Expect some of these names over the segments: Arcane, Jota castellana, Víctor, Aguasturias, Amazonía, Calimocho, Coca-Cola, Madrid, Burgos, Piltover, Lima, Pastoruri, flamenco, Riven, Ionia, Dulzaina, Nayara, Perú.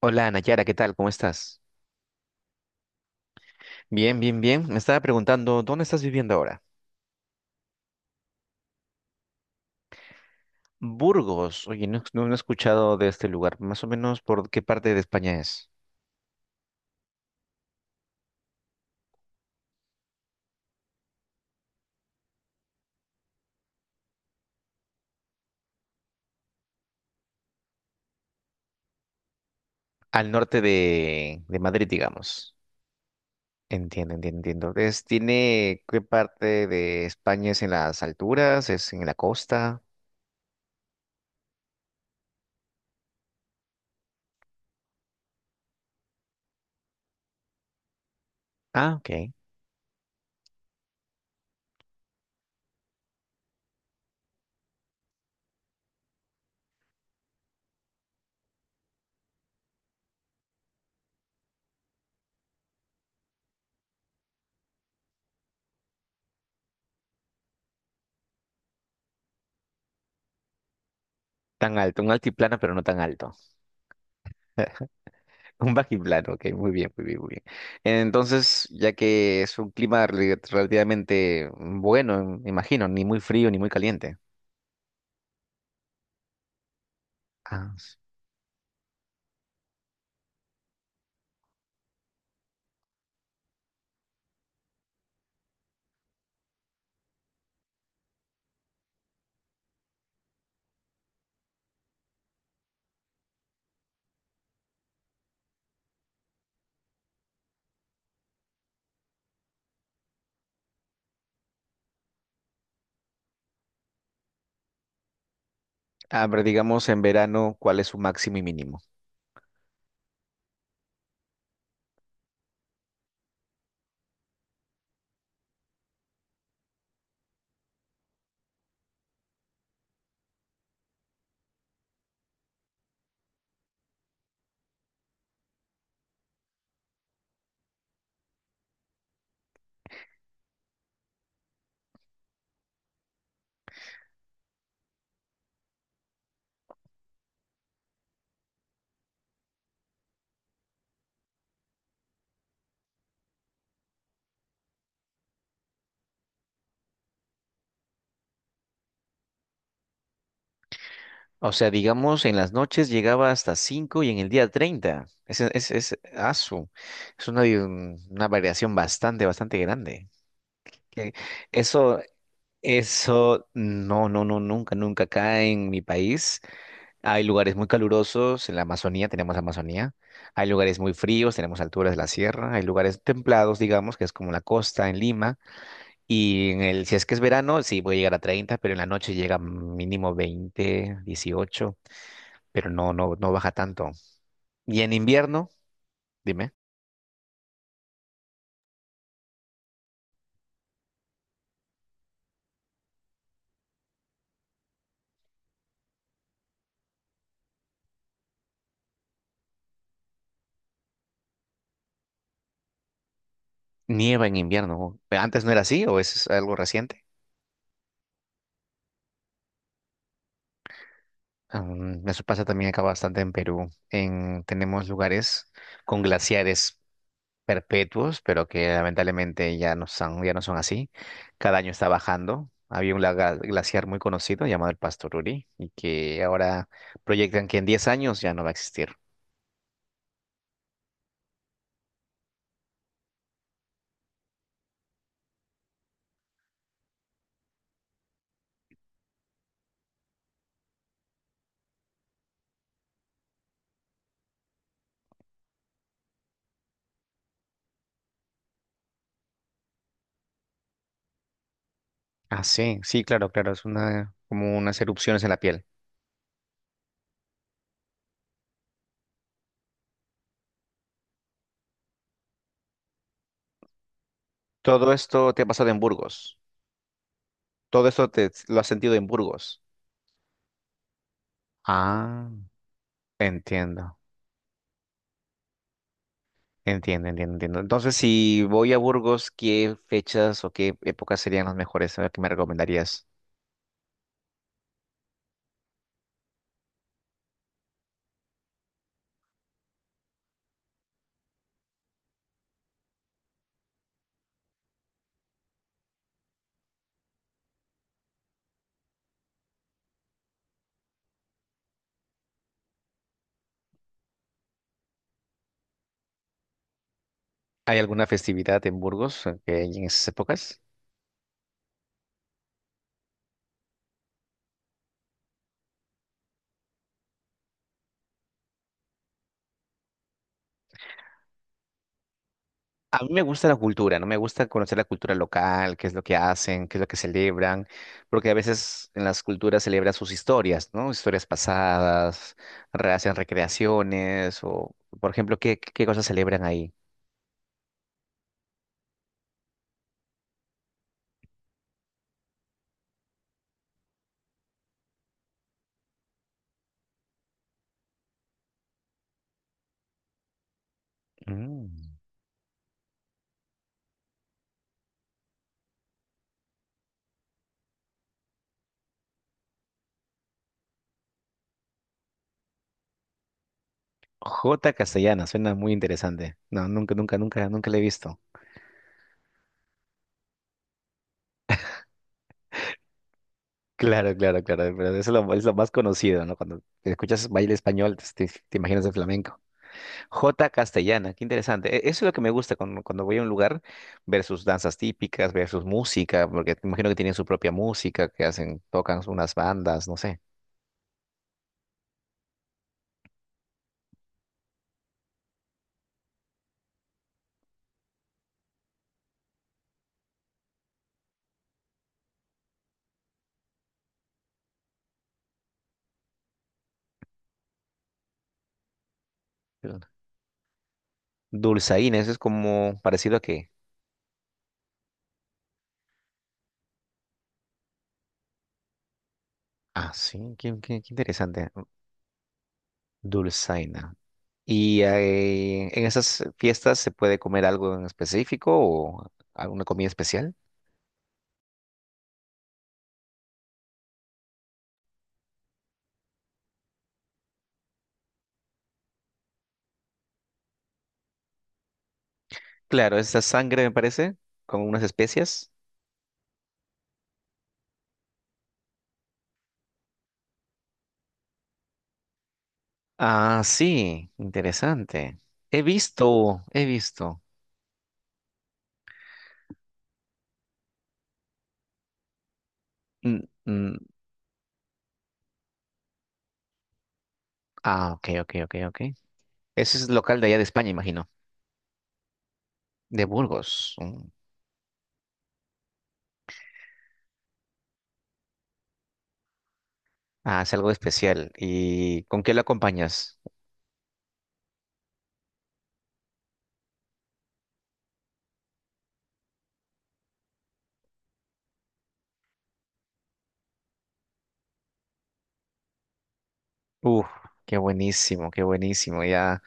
Hola, Nayara, ¿qué tal? ¿Cómo estás? Bien. Me estaba preguntando, ¿dónde estás viviendo ahora? Burgos. Oye, no he escuchado de este lugar. Más o menos, ¿por qué parte de España es? Al norte de Madrid, digamos. Entiendo. ¿Tiene qué parte de España es en las alturas? ¿Es en la costa? Ah, ok. Tan alto, un altiplano, pero no tan alto. Un bajiplano, ok, muy bien. Entonces, ya que es un clima relativamente bueno, me imagino, ni muy frío ni muy caliente. Ah, sí. A ver, digamos en verano, ¿cuál es su máximo y mínimo? O sea, digamos, en las noches llegaba hasta 5 y en el día 30. Es una, una variación bastante grande. Que eso, no, nunca, nunca acá en mi país. Hay lugares muy calurosos en la Amazonía, tenemos Amazonía. Hay lugares muy fríos, tenemos alturas de la sierra. Hay lugares templados, digamos, que es como la costa en Lima. Y en el, si es que es verano, sí puede llegar a 30, pero en la noche llega mínimo 20, 18, pero no baja tanto. Y en invierno, dime, nieva en invierno. ¿Antes no era así o es algo reciente? Mm, eso pasa también acá bastante en Perú. En, tenemos lugares con glaciares perpetuos, pero que lamentablemente ya no son así. Cada año está bajando. Había un glaciar muy conocido llamado el Pastoruri y que ahora proyectan que en 10 años ya no va a existir. Ah, sí, sí, claro, es una, como unas erupciones en la piel. Todo esto te ha pasado en Burgos. Lo has sentido en Burgos. Ah, entiendo, entiendo. Entonces, si voy a Burgos, ¿qué fechas o qué épocas serían las mejores? A ver, ¿qué me recomendarías? ¿Hay alguna festividad en Burgos que hay en esas épocas? A mí me gusta la cultura, ¿no? Me gusta conocer la cultura local, qué es lo que hacen, qué es lo que celebran, porque a veces en las culturas celebran sus historias, ¿no? Historias pasadas, hacen recreaciones, o, por ejemplo, ¿qué cosas celebran ahí? Mm. Jota castellana, suena muy interesante. No, nunca la he visto. Claro, pero eso es lo más conocido, ¿no? Cuando escuchas baile español, te imaginas el flamenco. Jota castellana, qué interesante. Eso es lo que me gusta cuando voy a un lugar, ver sus danzas típicas, ver sus música, porque te imagino que tienen su propia música, que hacen, tocan unas bandas, no sé. Dulzaina, eso es como parecido a que. Ah, sí, qué interesante. Dulzaina. ¿Y en esas fiestas se puede comer algo en específico o alguna comida especial? Claro, esa sangre me parece, con unas especias. Ah, sí, interesante. He visto. Mm, mm, ah, ok. Ese es local de allá de España, imagino. De Burgos. Mm. Ah, es algo especial. ¿Y con qué lo acompañas? Uf, qué buenísimo. Ya,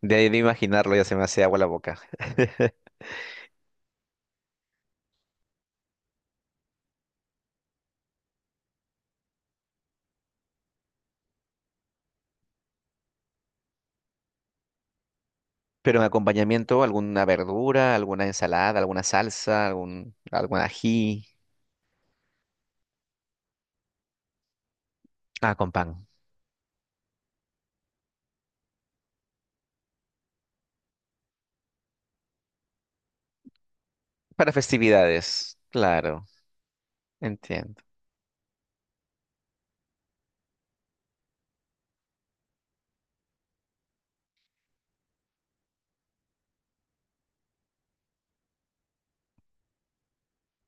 de ahí de imaginarlo, ya se me hace agua la boca. Pero en acompañamiento, alguna verdura, alguna ensalada, alguna salsa, algún ají. Ah, con pan. Para festividades, claro, entiendo.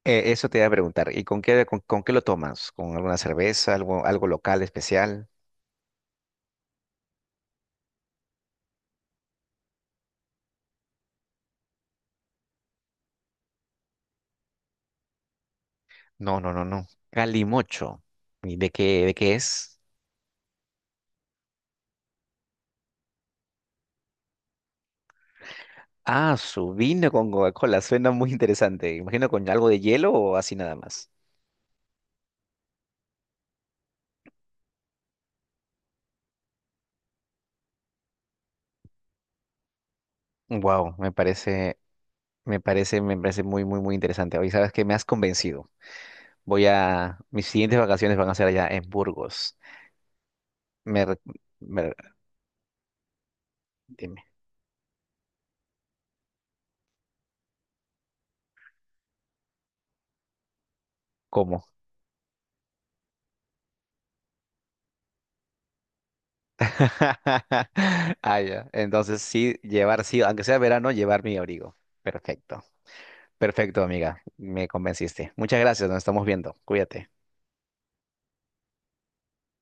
Eso te iba a preguntar. ¿Y con qué, con qué lo tomas? ¿Con alguna cerveza, algo local especial? No. Calimocho. ¿Y de qué es? Ah, su vino con Coca-Cola. Suena muy interesante. Imagino con algo de hielo o así nada más. Wow, me parece muy interesante. Hoy sabes que me has convencido. Voy a, mis siguientes vacaciones van a ser allá en Burgos. Me, re- me- dime, ¿cómo? Ah, ya. Entonces sí, llevar, sí, aunque sea verano, llevar mi abrigo. Perfecto. Perfecto, amiga. Me convenciste. Muchas gracias. Nos estamos viendo. Cuídate.